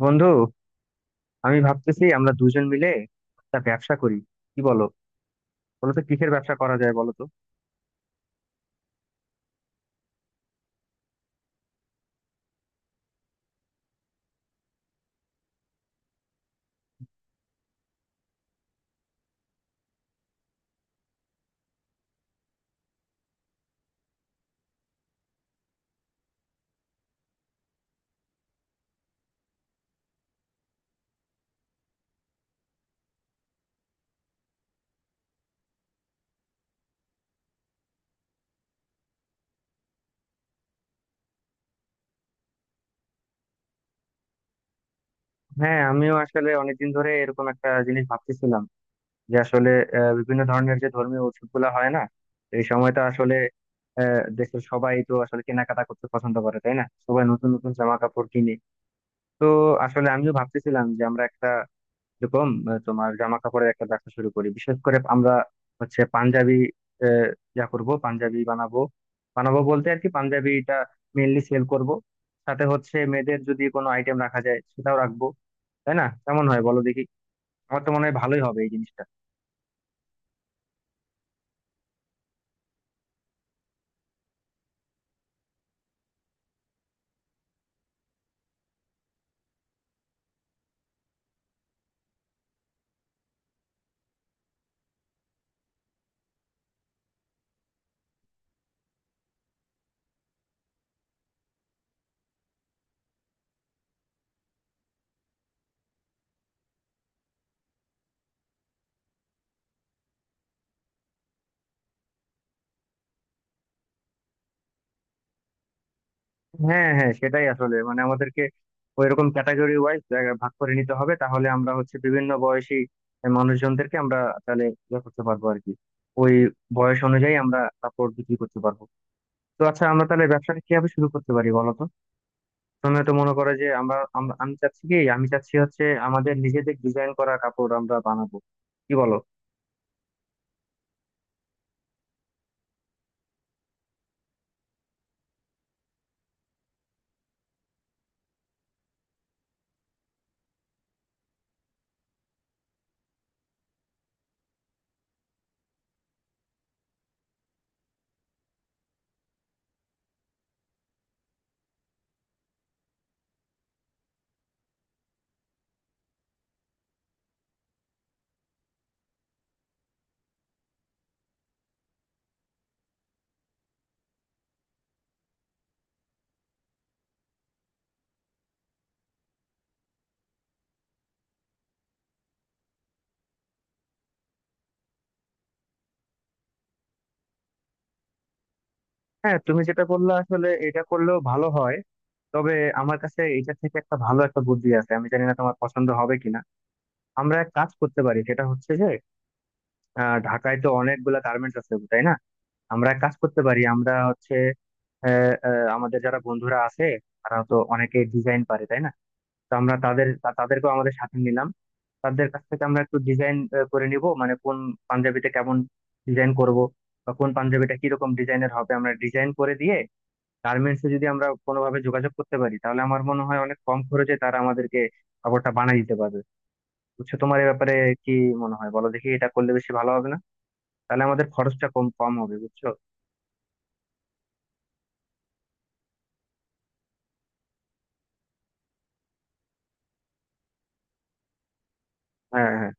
বন্ধু, আমি ভাবতেছি আমরা দুজন মিলে একটা ব্যবসা করি। কি বলো? বলো তো কিসের ব্যবসা করা যায়, বলো তো। হ্যাঁ, আমিও আসলে অনেকদিন ধরে এরকম একটা জিনিস ভাবতেছিলাম যে আসলে বিভিন্ন ধরনের যে ধর্মীয় উৎসব গুলা হয় না, এই সময়টা আসলে দেশের সবাই তো আসলে কেনাকাটা করতে পছন্দ করে, তাই না? সবাই নতুন নতুন জামা কাপড় কিনে। তো আসলে আমিও ভাবতেছিলাম যে আমরা একটা এরকম তোমার জামা কাপড়ের একটা ব্যবসা শুরু করি, বিশেষ করে আমরা হচ্ছে পাঞ্জাবি, আহ, যা করব পাঞ্জাবি বানাবো। বানাবো বলতে আর কি, পাঞ্জাবিটা মেইনলি সেল করব, সাথে হচ্ছে মেয়েদের যদি কোনো আইটেম রাখা যায় সেটাও রাখবো। তাই না? কেমন হয় বলো দেখি। আমার তো মনে হয় ভালোই হবে এই জিনিসটা। হ্যাঁ হ্যাঁ, সেটাই আসলে, মানে আমাদেরকে ওইরকম ক্যাটাগরি ওয়াইজ ভাগ করে নিতে হবে, তাহলে আমরা হচ্ছে বিভিন্ন বয়সী মানুষজনদেরকে আমরা তাহলে ইয়ে করতে পারবো আর কি। ওই বয়স অনুযায়ী আমরা কাপড় বিক্রি করতে পারবো। তো আচ্ছা, আমরা তাহলে ব্যবসাটা কিভাবে শুরু করতে পারি বলো তো? তুমি তো মনে করো যে আমরা আমরা- আমি চাচ্ছি কি, আমি চাচ্ছি হচ্ছে আমাদের নিজেদের ডিজাইন করা কাপড় আমরা বানাবো। কি বলো? হ্যাঁ, তুমি যেটা বললে আসলে এটা করলেও ভালো হয়, তবে আমার কাছে এটা থেকে একটা ভালো একটা বুদ্ধি আছে, আমি জানি না তোমার পছন্দ হবে কিনা। আমরা এক কাজ করতে পারি, সেটা হচ্ছে যে ঢাকায় তো অনেকগুলা গার্মেন্টস আছে তাই না? আমরা এক কাজ করতে পারি, আমরা হচ্ছে আহ, আহ, আমাদের যারা বন্ধুরা আছে তারা তো অনেকে ডিজাইন পারে তাই না? তো আমরা তাদেরকেও আমাদের সাথে নিলাম। তাদের কাছ থেকে আমরা একটু ডিজাইন করে নিব, মানে কোন পাঞ্জাবিতে কেমন ডিজাইন করব বা কোন পাঞ্জাবিটা কিরকম ডিজাইনের হবে আমরা ডিজাইন করে দিয়ে গার্মেন্টসে যদি আমরা কোনোভাবে যোগাযোগ করতে পারি, তাহলে আমার মনে হয় অনেক কম খরচে তারা আমাদেরকে কাপড়টা বানিয়ে দিতে পারবে। বুঝছো? তোমার এ ব্যাপারে কি মনে হয় বলো দেখি। এটা করলে বেশি ভালো হবে না? তাহলে আমাদের খরচটা কম কম হবে বুঝছো। হ্যাঁ হ্যাঁ,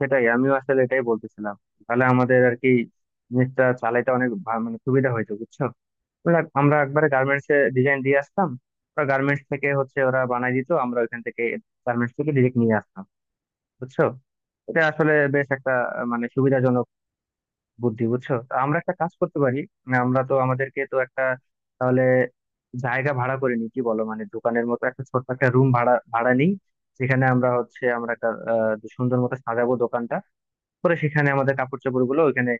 সেটাই আমিও আসলে এটাই বলতেছিলাম। তাহলে আমাদের আর কি জিনিসটা চালাইতে অনেক মানে সুবিধা হয়েছে বুঝছো। বলে আমরা একবারে গার্মেন্টস এ ডিজাইন দিয়ে আসতাম, ওরা গার্মেন্টস থেকে হচ্ছে ওরা বানাই দিত, আমরা ওইখান থেকে গার্মেন্টস থেকে ডিরেক্ট নিয়ে আসতাম বুঝছো। এটা আসলে বেশ একটা মানে সুবিধাজনক বুদ্ধি বুঝছো। তো আমরা একটা কাজ করতে পারি, মানে আমরা তো আমাদেরকে তো একটা, তাহলে জায়গা ভাড়া করে নিই কি বলো, মানে দোকানের মতো একটা ছোট্ট একটা রুম ভাড়া ভাড়া নিই, যেখানে আমরা হচ্ছে আমরা একটা সুন্দর মতো সাজাবো দোকানটা। পরে সেখানে আমাদের কাপড় চোপড় গুলো ওইখানে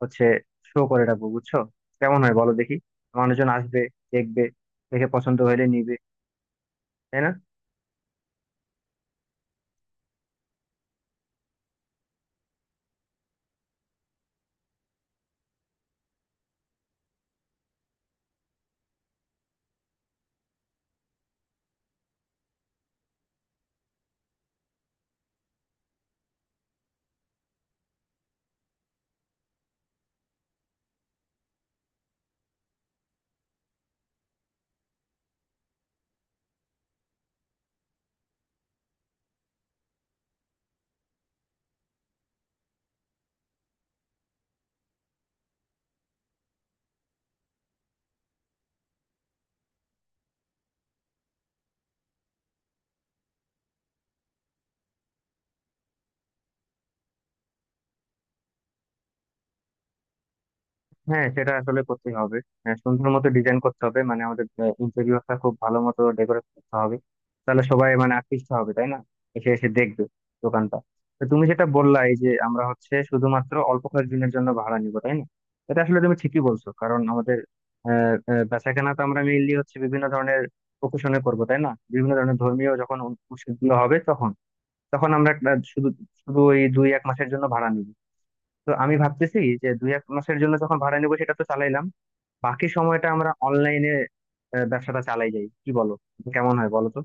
হচ্ছে শো করে রাখবো বুঝছো। কেমন হয় বলো দেখি। মানুষজন আসবে, দেখবে, দেখে পছন্দ হলে নিবে, তাই না? হ্যাঁ, সেটা আসলে করতেই হবে। হ্যাঁ, সুন্দর মতো ডিজাইন করতে হবে, মানে আমাদের ইন্টেরিয়রটা খুব ভালো মতো ডেকোরেট করতে হবে, তাহলে সবাই মানে আকৃষ্ট হবে তাই না? এসে এসে দেখবে দোকানটা। তো তুমি যেটা বললা, এই যে আমরা হচ্ছে শুধুমাত্র অল্প কয়েকদিনের জন্য ভাড়া নিব তাই না, এটা আসলে তুমি ঠিকই বলছো, কারণ আমাদের আহ আহ, বেচাকেনা তো আমরা মেইনলি হচ্ছে বিভিন্ন ধরনের প্রকাশনে করবো তাই না, বিভিন্ন ধরনের ধর্মীয় যখন উৎসবগুলো হবে তখন, তখন আমরা শুধু শুধু ওই দুই এক মাসের জন্য ভাড়া নিব। তো আমি ভাবতেছি যে দুই এক মাসের জন্য যখন ভাড়া নেবো সেটা তো চালাইলাম, বাকি সময়টা আমরা অনলাইনে ব্যবসাটা চালাই যাই কি বলো? কেমন হয় বলো তো?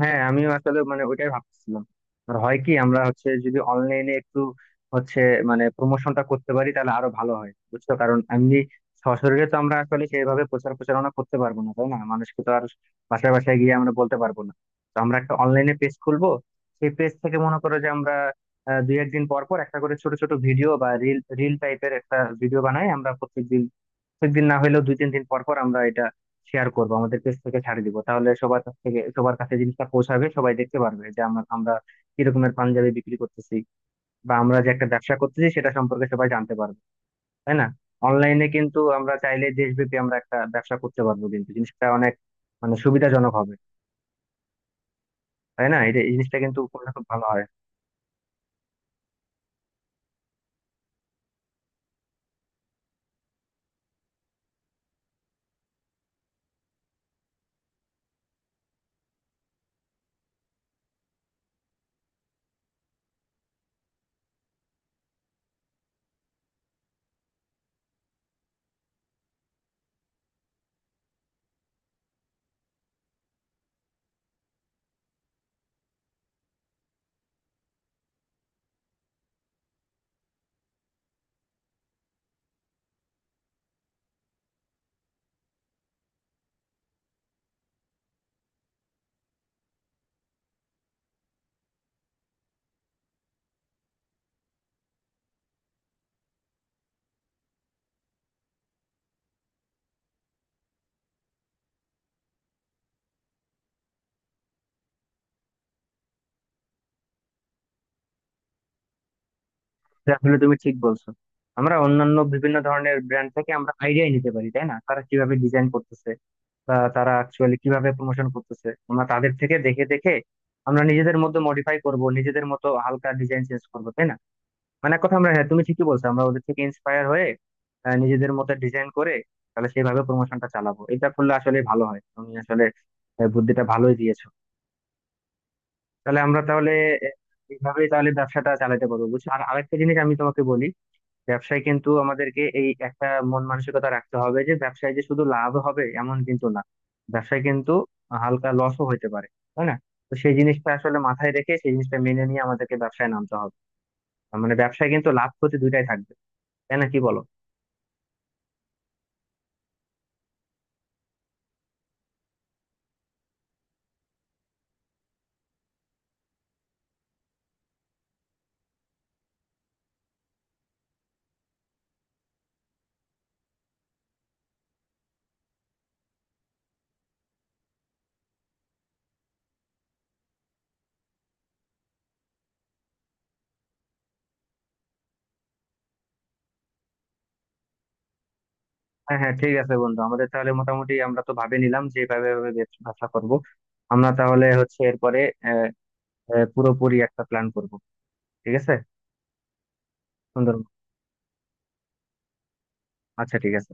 হ্যাঁ, আমিও আসলে মানে ওইটাই ভাবতেছিলাম। আর হয় কি, আমরা হচ্ছে যদি অনলাইনে একটু হচ্ছে মানে প্রমোশনটা করতে পারি তাহলে আরো ভালো হয় বুঝছো, কারণ এমনি সশরীরে তো আমরা আসলে সেইভাবে প্রচার প্রচারণা করতে পারবো না তাই না, মানুষকে তো আর বাসায় বাসায় গিয়ে আমরা বলতে পারবো না। তো আমরা একটা অনলাইনে পেজ খুলবো, সেই পেজ থেকে মনে করো যে আমরা দুই একদিন পর পর একটা করে ছোট ছোট ভিডিও বা রিল রিল টাইপের একটা ভিডিও বানাই আমরা প্রত্যেকদিন, প্রত্যেকদিন না হলেও দুই তিন দিন পর পর আমরা এটা শেয়ার করবো, আমাদের পেজ থেকে ছাড়ে দিব, তাহলে সবার কাছ থেকে সবার কাছে জিনিসটা পৌঁছাবে, সবাই দেখতে পারবে যে আমরা আমরা কি রকমের পাঞ্জাবি বিক্রি করতেছি বা আমরা যে একটা ব্যবসা করতেছি সেটা সম্পর্কে সবাই জানতে পারবে, তাই না? অনলাইনে কিন্তু আমরা চাইলে দেশব্যাপী আমরা একটা ব্যবসা করতে পারবো, কিন্তু জিনিসটা অনেক মানে সুবিধাজনক হবে। তাই না, এটা এই জিনিসটা কিন্তু করলে খুব ভালো হয়। আসলে তুমি ঠিক বলছো, আমরা অন্যান্য বিভিন্ন ধরনের ব্র্যান্ড থেকে আমরা আইডিয়াই নিতে পারি তাই না, তারা কিভাবে ডিজাইন করতেছে বা তারা অ্যাকচুয়ালি কিভাবে প্রমোশন করতেছে আমরা তাদের থেকে দেখে দেখে আমরা নিজেদের মধ্যে মডিফাই করব, নিজেদের মতো হালকা ডিজাইন চেঞ্জ করবো তাই না, মানে এক কথা আমরা, হ্যাঁ তুমি ঠিকই বলছো আমরা ওদের থেকে ইন্সপায়ার হয়ে নিজেদের মতো ডিজাইন করে তাহলে সেইভাবে প্রমোশনটা চালাবো। এটা করলে আসলে ভালো হয়, তুমি আসলে বুদ্ধিটা ভালোই দিয়েছো। তাহলে আমরা তাহলে আহ, এইভাবেই তাহলে ব্যবসাটা চালাতে পারবো বুঝছো। আর আরেকটা জিনিস আমি তোমাকে বলি, ব্যবসায় কিন্তু আমাদেরকে এই একটা মন মানসিকতা রাখতে হবে যে ব্যবসায় যে শুধু লাভ হবে এমন কিন্তু না, ব্যবসায় কিন্তু হালকা লসও হইতে পারে তাই না। তো সেই জিনিসটা আসলে মাথায় রেখে, সেই জিনিসটা মেনে নিয়ে আমাদেরকে ব্যবসায় নামতে হবে। তার মানে ব্যবসায় কিন্তু লাভ ক্ষতি দুইটাই থাকবে, তাই না? কি বলো? হ্যাঁ হ্যাঁ, ঠিক আছে বন্ধু, আমাদের তাহলে মোটামুটি আমরা তো ভাবে নিলাম যে এভাবে এভাবে ব্যবসা করব। আমরা তাহলে হচ্ছে এরপরে আহ আহ, পুরোপুরি একটা প্ল্যান করব। ঠিক আছে। সুন্দর। আচ্ছা ঠিক আছে।